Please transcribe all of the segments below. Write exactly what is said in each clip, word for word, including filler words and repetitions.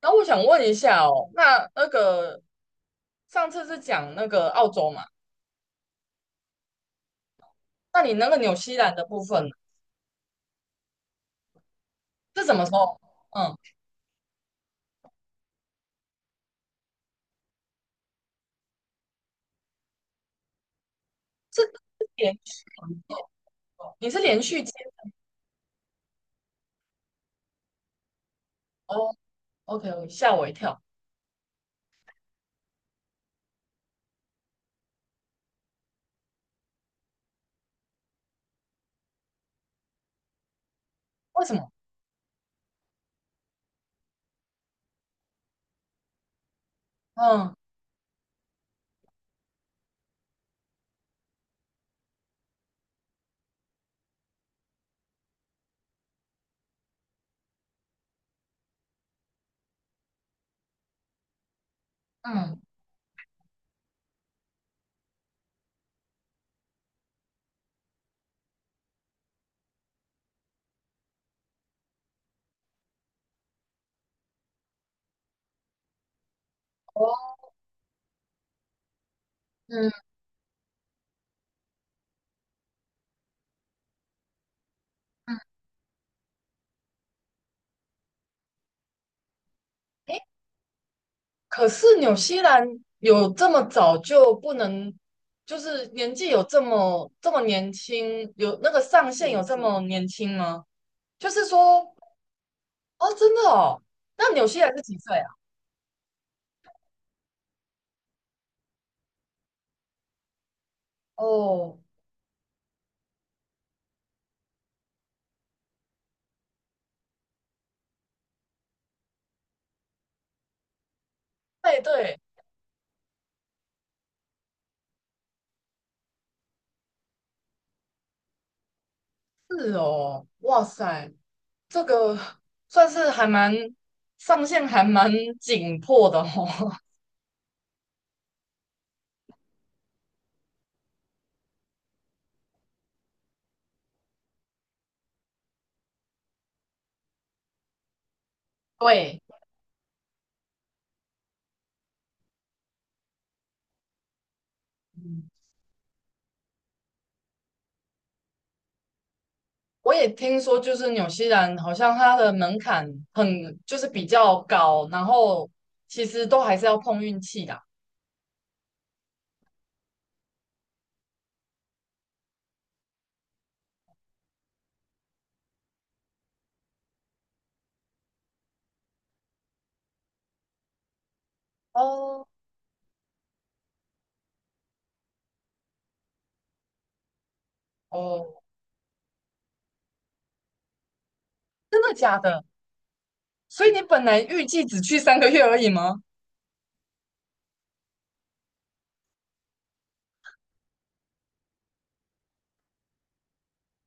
那我想问一下哦，那那个上次是讲那个澳洲嘛？那你那个纽西兰的部分呢是什么时候？嗯，是连续哦你是连续接哦？OK，吓我一跳，为什么？嗯嗯哦嗯嗯，诶，可是纽西兰有这么早就不能，就是年纪有这么这么年轻，有那个上限有这么年轻吗？就是说，哦，真的哦，那纽西兰是几岁啊？哦，对对。是哦，哇塞，这个算是还蛮上限还蛮紧迫的哦。对，嗯我也听说，就是纽西兰好像它的门槛很就是比较高，然后其实都还是要碰运气的。哦哦，真的假的？所以你本来预计只去三个月而已吗？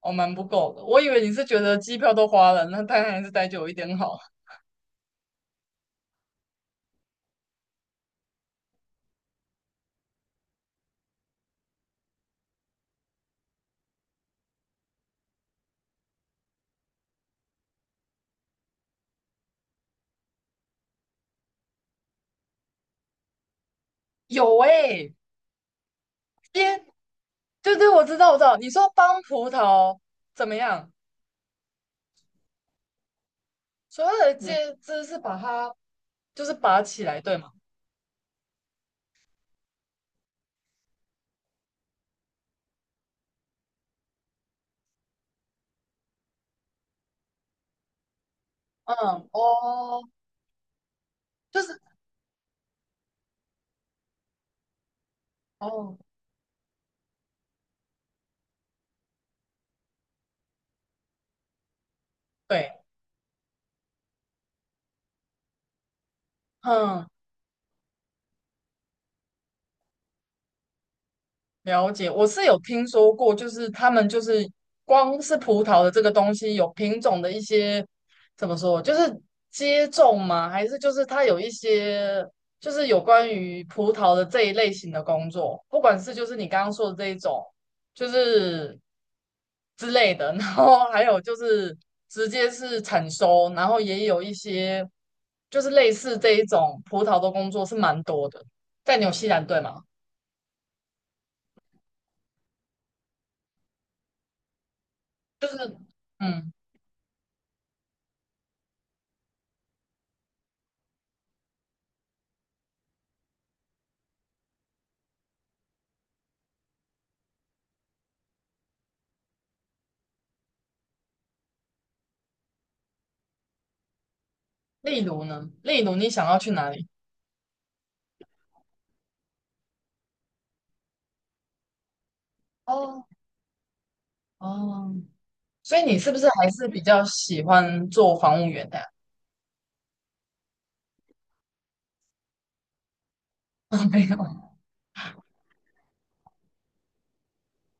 哦，蛮不够的。我以为你是觉得机票都花了，那当然还是待久一点好。有诶、天对对，我知道，我知道。你说帮葡萄怎么样？所有的嗯，介质是把它就是拔起来，对吗？嗯，哦，就是哦，对，嗯。了解，我是有听说过，就是他们就是光是葡萄的这个东西有品种的一些怎么说，就是接种吗？还是就是它有一些就是有关于葡萄的这一类型的工作，不管是就是你刚刚说的这一种，就是之类的，然后还有就是直接是产收，然后也有一些就是类似这一种葡萄的工作是蛮多的，在纽西兰对吗？就是嗯。例如呢？例如你想要去哪里？哦哦，所以你是不是还是比较喜欢做房务员的呀？没有。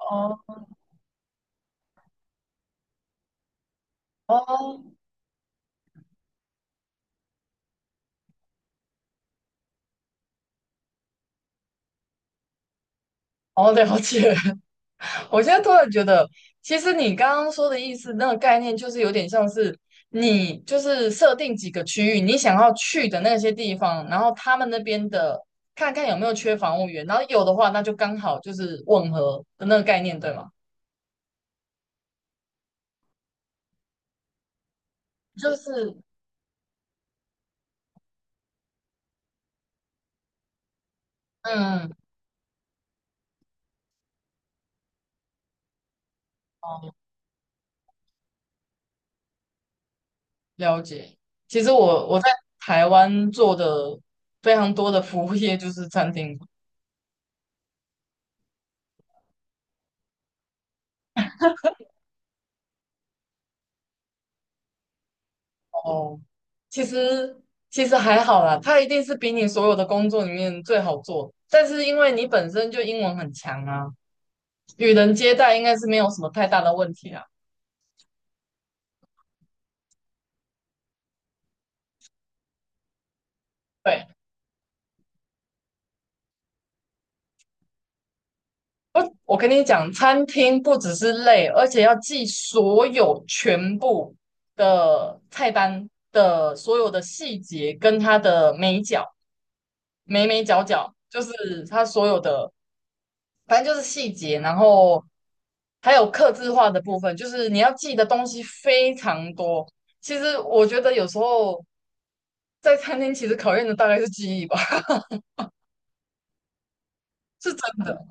哦哦哦，了解。我现在突然觉得，其实你刚刚说的意思，那个概念就是有点像是你就是设定几个区域，你想要去的那些地方，然后他们那边的看看有没有缺房务员，然后有的话，那就刚好就是吻合的那个概念，对吗？就是嗯，哦了解。其实我我在台湾做的非常多的服务业就是餐厅哦，其实其实还好啦，它一定是比你所有的工作里面最好做，但是因为你本身就英文很强啊，与人接待应该是没有什么太大的问题啊。对，我跟你讲，餐厅不只是累，而且要记所有全部的菜单的所有的细节跟它的美角。眉眉角角，就是它所有的，反正就是细节，然后还有刻字化的部分，就是你要记的东西非常多。其实我觉得有时候在餐厅，其实考验的大概是记忆吧，是真的。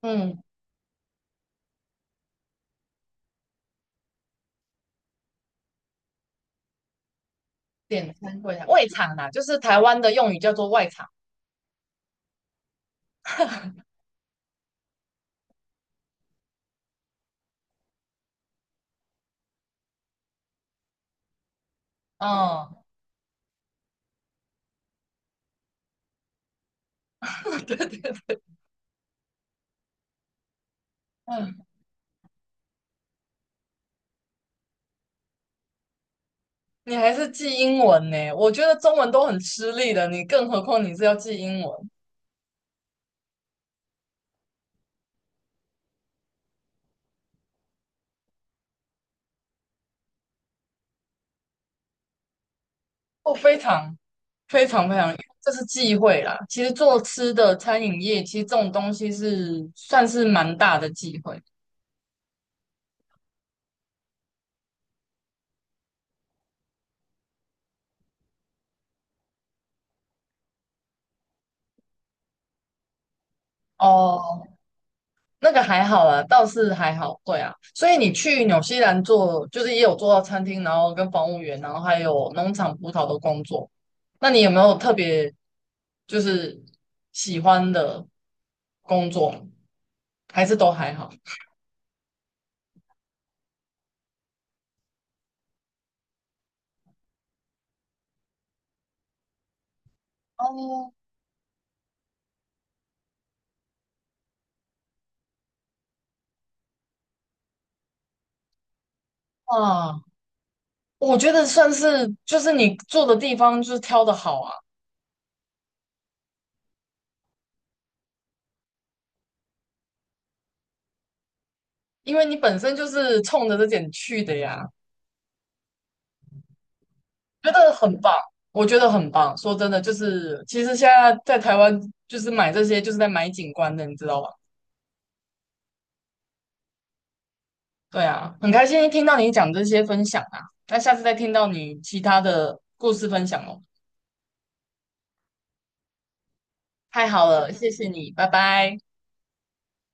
嗯，点餐柜台外场啦，就是台湾的用语叫做外场。嗯，对对对，嗯 你还是记英文呢？我觉得中文都很吃力的，你更何况你是要记英文，哦，非常。非常非常，因为这是忌讳啦。其实做吃的餐饮业，其实这种东西是算是蛮大的忌讳哦。那个还好啦，倒是还好。对啊，所以你去纽西兰做，就是也有做到餐厅，然后跟房务员，然后还有农场葡萄的工作。那你有没有特别就是喜欢的工作？还是都还好？哦，啊，我觉得算是就是你做的地方就是挑的好啊。因为你本身就是冲着这点去的呀，觉得很棒，我觉得很棒。说真的，就是其实现在在台湾就是买这些就是在买景观的，你知道吧？对啊，很开心听到你讲这些分享啊，那下次再听到你其他的故事分享哦。太好了，谢谢你，拜拜。